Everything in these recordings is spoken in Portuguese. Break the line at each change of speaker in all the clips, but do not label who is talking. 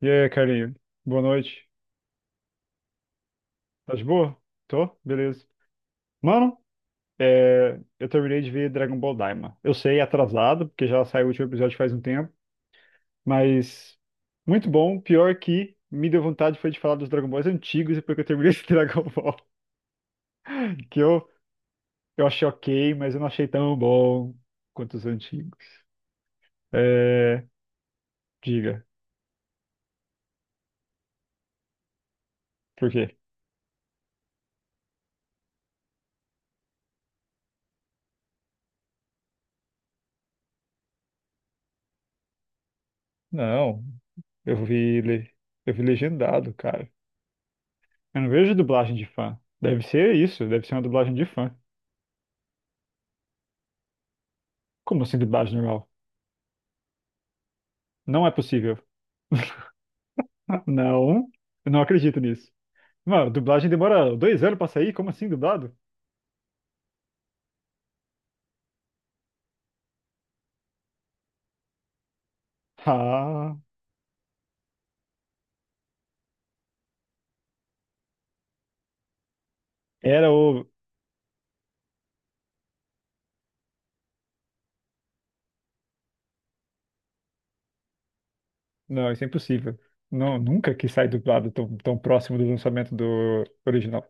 E aí, carinho? Boa noite. Tá de boa? Tô? Beleza. Mano, eu terminei de ver Dragon Ball Daima. Eu sei, atrasado, porque já saiu o último episódio faz um tempo, mas muito bom. Pior que me deu vontade foi de falar dos Dragon Balls antigos depois que eu terminei esse Dragon Ball. Que eu, eu achei ok, mas eu não achei tão bom quanto os antigos. É, diga, por quê? Não, eu vi, eu vi legendado, cara. Eu não vejo dublagem de fã. Deve ser isso, deve ser uma dublagem de fã. Como assim dublagem normal? Não é possível. Ah, não, eu não acredito nisso. Mano, dublagem demora dois anos pra sair? Como assim dublado? Ah, era o. Não, isso é impossível. Não, nunca que sai dublado tão, tão próximo do lançamento do original.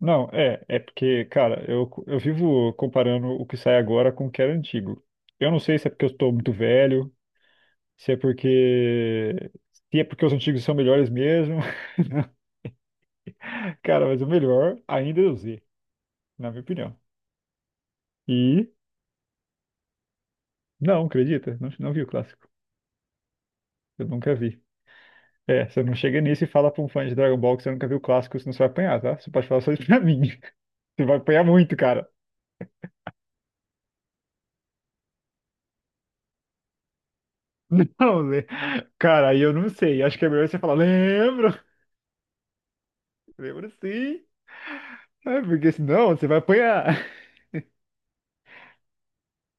Não, é porque, cara, eu vivo comparando o que sai agora com o que era antigo. Eu não sei se é porque eu estou muito velho, se é porque se é porque os antigos são melhores mesmo. Cara, mas o melhor ainda é o Z, na minha opinião. E não, acredita? Não, não vi o clássico. Eu nunca vi. É, você não chega nisso e fala pra um fã de Dragon Ball que você nunca viu o clássico, senão você vai apanhar, tá? Você pode falar só isso pra mim. Você vai apanhar muito, cara. Não, Zé. Cara, aí eu não sei. Acho que é melhor você falar, lembro, lembro sim. É, porque senão você vai apanhar.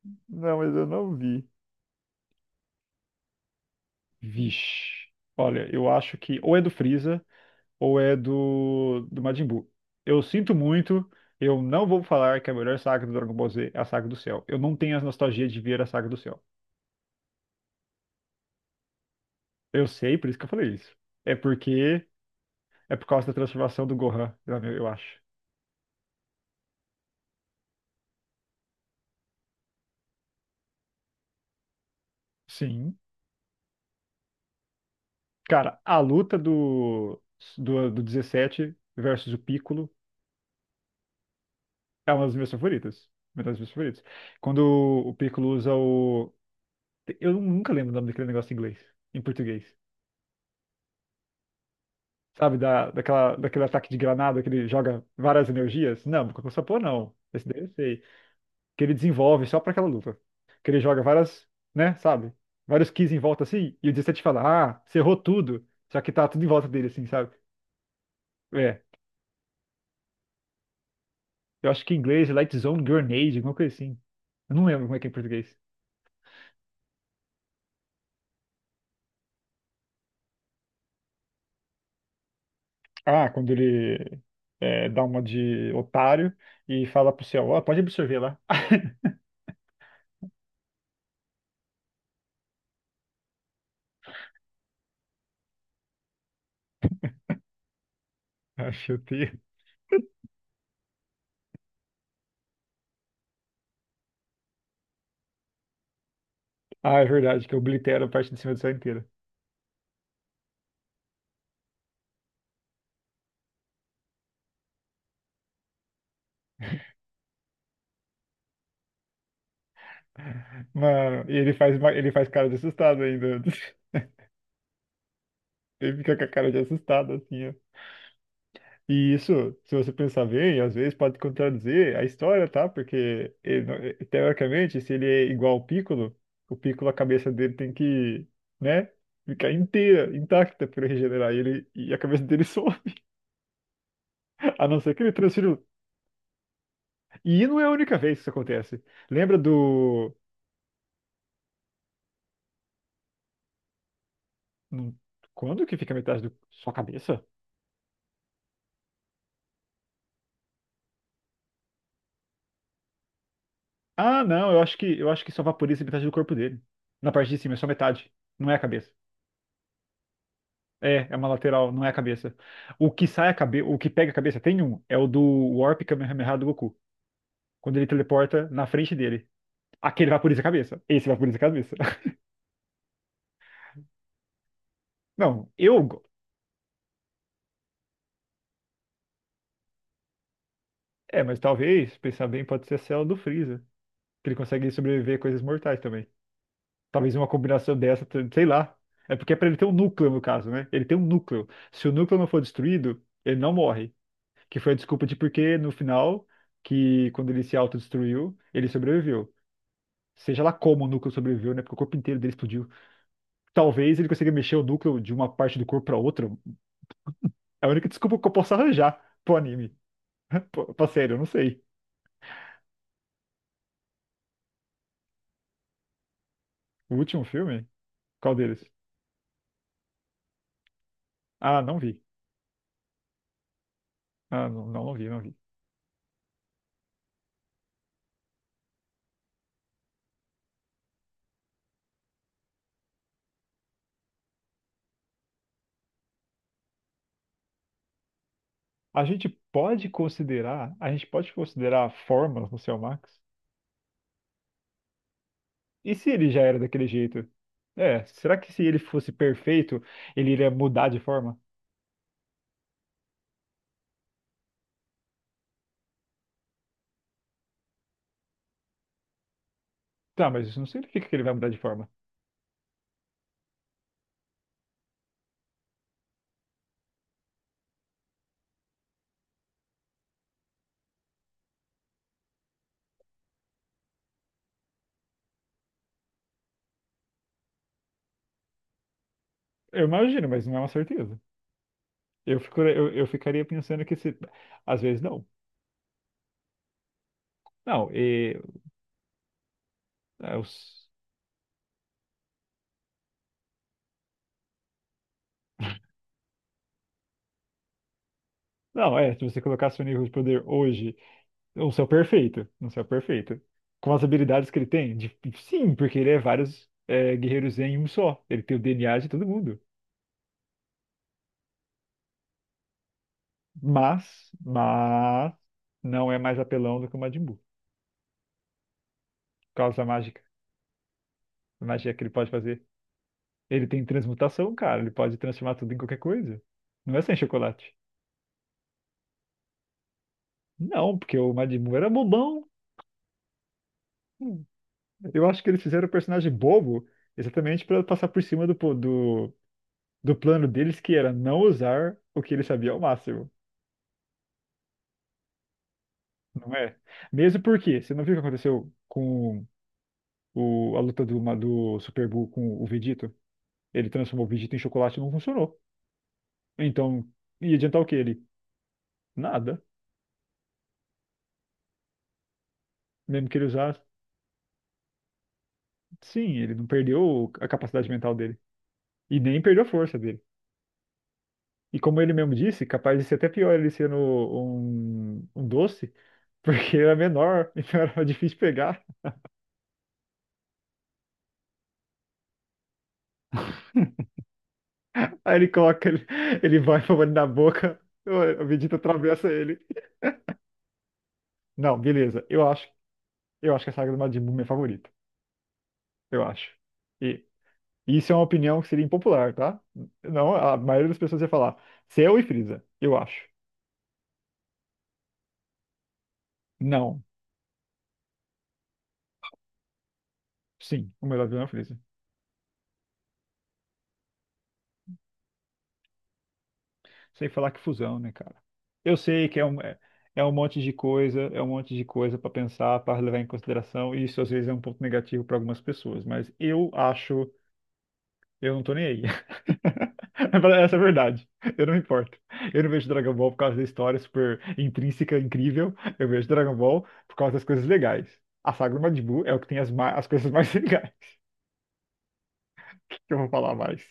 Não, mas eu não vi. Vixe. Olha, eu acho que ou é do Freeza, ou é do, do Majin Buu. Eu sinto muito, eu não vou falar que a melhor saga do Dragon Ball Z é a Saga do Céu. Eu não tenho as nostalgias de ver a Saga do Céu. Eu sei, por isso que eu falei isso. É porque é por causa da transformação do Gohan, eu acho. Sim. Cara, a luta do, do 17 versus o Piccolo é uma das minhas favoritas. Uma das minhas favoritas. Quando o Piccolo usa o. Eu nunca lembro o nome daquele negócio em inglês, em português. Sabe, da, daquele ataque de granada que ele joga várias energias? Não, Kokusapo não. Esse daí eu sei. Que ele desenvolve só pra aquela luta. Que ele joga várias, né, sabe? Vários keys em volta assim, e o 17 fala, ah, você errou tudo. Só que tá tudo em volta dele, assim, sabe? É. Eu acho que em inglês é Light Zone Grenade, alguma coisa assim. Eu não lembro como é que é em português. Ah, quando ele dá uma de otário e fala pro céu, ó, pode absorver lá. Ah, chutei. Ah, é verdade, que eu oblitero a parte de cima do céu inteira. Mano, e ele faz, ele faz cara de assustado ainda. Ele fica com a cara de assustado, assim, ó. E isso, se você pensar bem, às vezes pode contradizer a história, tá? Porque, ele não- eh, teoricamente, se ele é igual ao Piccolo, o Piccolo, a cabeça dele tem que, né? Ficar inteira, intacta para regenerar ele e a cabeça dele só, a não ser que ele transfira. E não é a única vez que isso acontece. Lembra do. Quando que fica metade do sua cabeça? Ah, não, eu acho que só vaporiza metade do corpo dele. Na parte de cima, é só metade. Não é a cabeça. É uma lateral, não é a cabeça. O que sai a cabeça, o que pega a cabeça, tem um, é o do Warp Kamehameha do Goku. Quando ele teleporta na frente dele. Aquele vaporiza a cabeça. Esse vaporiza a cabeça. Não, eu. Go- É, mas talvez, pensar bem, pode ser a célula do Freeza. Que ele consegue sobreviver a coisas mortais também. Talvez uma combinação dessa, sei lá. É porque é pra ele ter um núcleo, no caso, né? Ele tem um núcleo. Se o núcleo não for destruído, ele não morre. Que foi a desculpa de por que no final, que quando ele se autodestruiu, ele sobreviveu. Seja lá como o núcleo sobreviveu, né? Porque o corpo inteiro dele explodiu. Talvez ele consiga mexer o núcleo de uma parte do corpo pra outra. É a única desculpa que eu posso arranjar pro anime. Pô, pra sério, eu não sei. O último filme? Qual deles? Ah, não vi. Ah, não, não vi, não vi. A gente pode considerar, a gente pode considerar formas no seu Max? E se ele já era daquele jeito? É, será que se ele fosse perfeito, ele iria mudar de forma? Tá, mas isso não significa que ele vai mudar de forma. Eu imagino, mas não é uma certeza. Eu ficaria pensando que se. Às vezes não. Não, e, é, os- não, é, se você colocar seu nível de poder hoje, um céu perfeito, com as habilidades que ele tem, sim, porque ele é vários guerreiros em um só. Ele tem o DNA de todo mundo. Mas não é mais apelão do que o Majin Buu, por causa da mágica. A magia que ele pode fazer. Ele tem transmutação, cara. Ele pode transformar tudo em qualquer coisa. Não é sem chocolate. Não, porque o Majin Buu era bobão. Hum, Eu acho que eles fizeram o personagem bobo exatamente para passar por cima do, do plano deles, que era não usar o que ele sabia ao máximo. Não é? Mesmo porque, você não viu o que aconteceu com o, a luta do, do Super Buu com o Vegito? Ele transformou o Vegito em chocolate e não funcionou. Então, ia adiantar o que ele? Nada. Mesmo que ele usasse, sim, ele não perdeu a capacidade mental dele. E nem perdeu a força dele. E como ele mesmo disse, capaz de ser até pior ele sendo um, um doce, porque era menor, então era difícil pegar. Aí ele coloca, ele vai com a mão na boca, o Vegeta atravessa ele. Não, beleza. Eu acho que a saga do Majin Buu é minha favorita. Eu acho. E isso é uma opinião que seria impopular, tá? Não, a maioria das pessoas ia falar, Cell e Frieza, eu acho. Não, sim, o melhor vilão é o Frieza. Sem falar que fusão, né, cara? Eu sei que é um, é um monte de coisa, é um monte de coisa para pensar, para levar em consideração, e isso às vezes é um ponto negativo para algumas pessoas, mas eu acho, eu não tô nem aí. Essa é a verdade. Eu não me importo. Eu não vejo Dragon Ball por causa da história super intrínseca, incrível. Eu vejo Dragon Ball por causa das coisas legais. A saga do Majin Buu é o que tem as, as coisas mais legais. Que eu vou falar mais.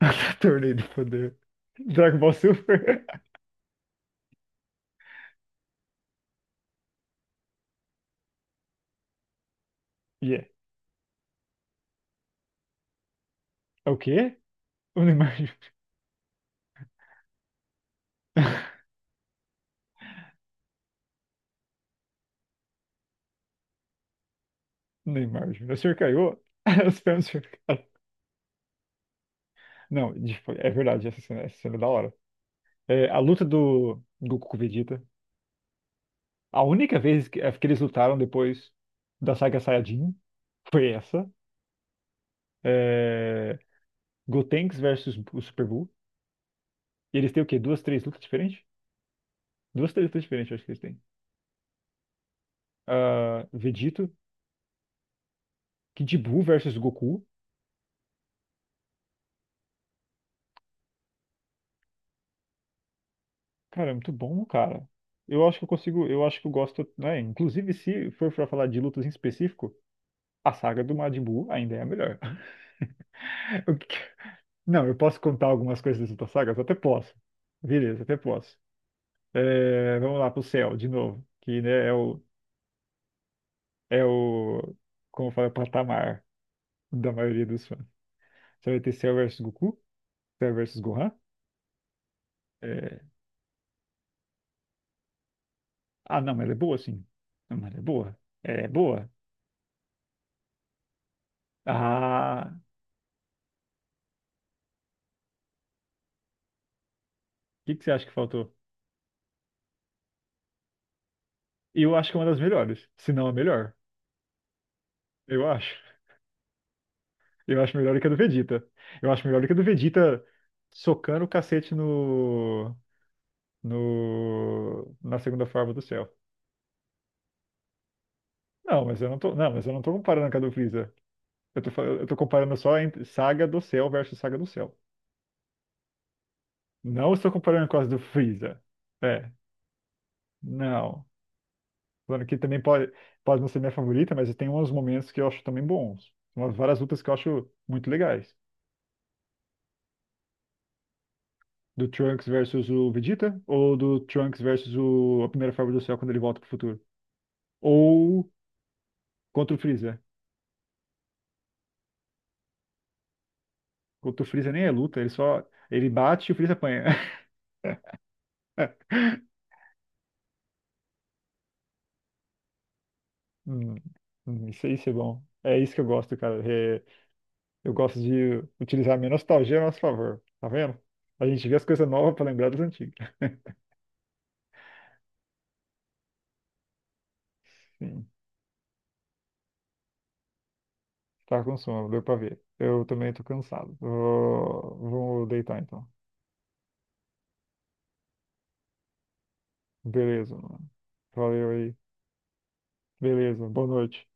Torneio do Poder. Dragon Ball Super. Yeah. É é o quê? O Neymar. Neymar Júnior. O senhor caiu? Os pés do senhor caiu. Não, é verdade, essa cena é da hora. É, a luta do Goku com Vegeta. A única vez que, é, que eles lutaram depois da saga Saiyajin foi essa. É, Gotenks versus o Super Buu. E eles têm o quê? Duas, três lutas diferentes? Duas, três lutas diferentes, eu acho que eles têm. Ah, Vegito, Kid Buu versus Goku. Cara, é muito bom, cara. Eu acho que eu gosto, né? Inclusive, se for pra falar de lutas em específico. A saga do Majin Buu ainda é a melhor. O que não, eu posso contar algumas coisas das outras sagas? Até posso. Beleza, até posso. É, vamos lá pro céu, de novo. Que, né, é o, é o, como fala, o patamar da maioria dos fãs. Você vai ter Cell versus Goku, Cell versus Gohan. É, ah, não, mas ela é boa, sim. Não, mas ela é boa. Ela é boa. Ah, o que que você acha que faltou? Eu acho que é uma das melhores, se não a melhor. Eu acho. Eu acho melhor do que a do Vegeta. Eu acho melhor do que a do Vegeta socando o cacete no, no, na segunda forma do céu. Não, mas eu não tô comparando com a do Freeza. Eu tô comparando só entre Saga do Céu versus Saga do Céu. Não estou comparando com as do Freeza. É, não. Falando que também pode, pode não ser minha favorita, mas tem uns momentos que eu acho também bons. Umas várias lutas que eu acho muito legais. Do Trunks versus o Vegeta ou do Trunks versus o, a primeira forma do céu quando ele volta pro futuro? Ou contra o Freeza. Contra o Freeza nem é luta, ele bate e o Freeza apanha. Hum, isso aí, isso é bom. É isso que eu gosto, cara. Eu gosto de utilizar a minha nostalgia a nosso favor. Tá vendo? A gente vê as coisas novas pra lembrar das antigas. Sim, tá com sono, deu pra ver. Eu também tô cansado. Vou deitar então. Beleza, mano. Valeu aí. Beleza, boa noite.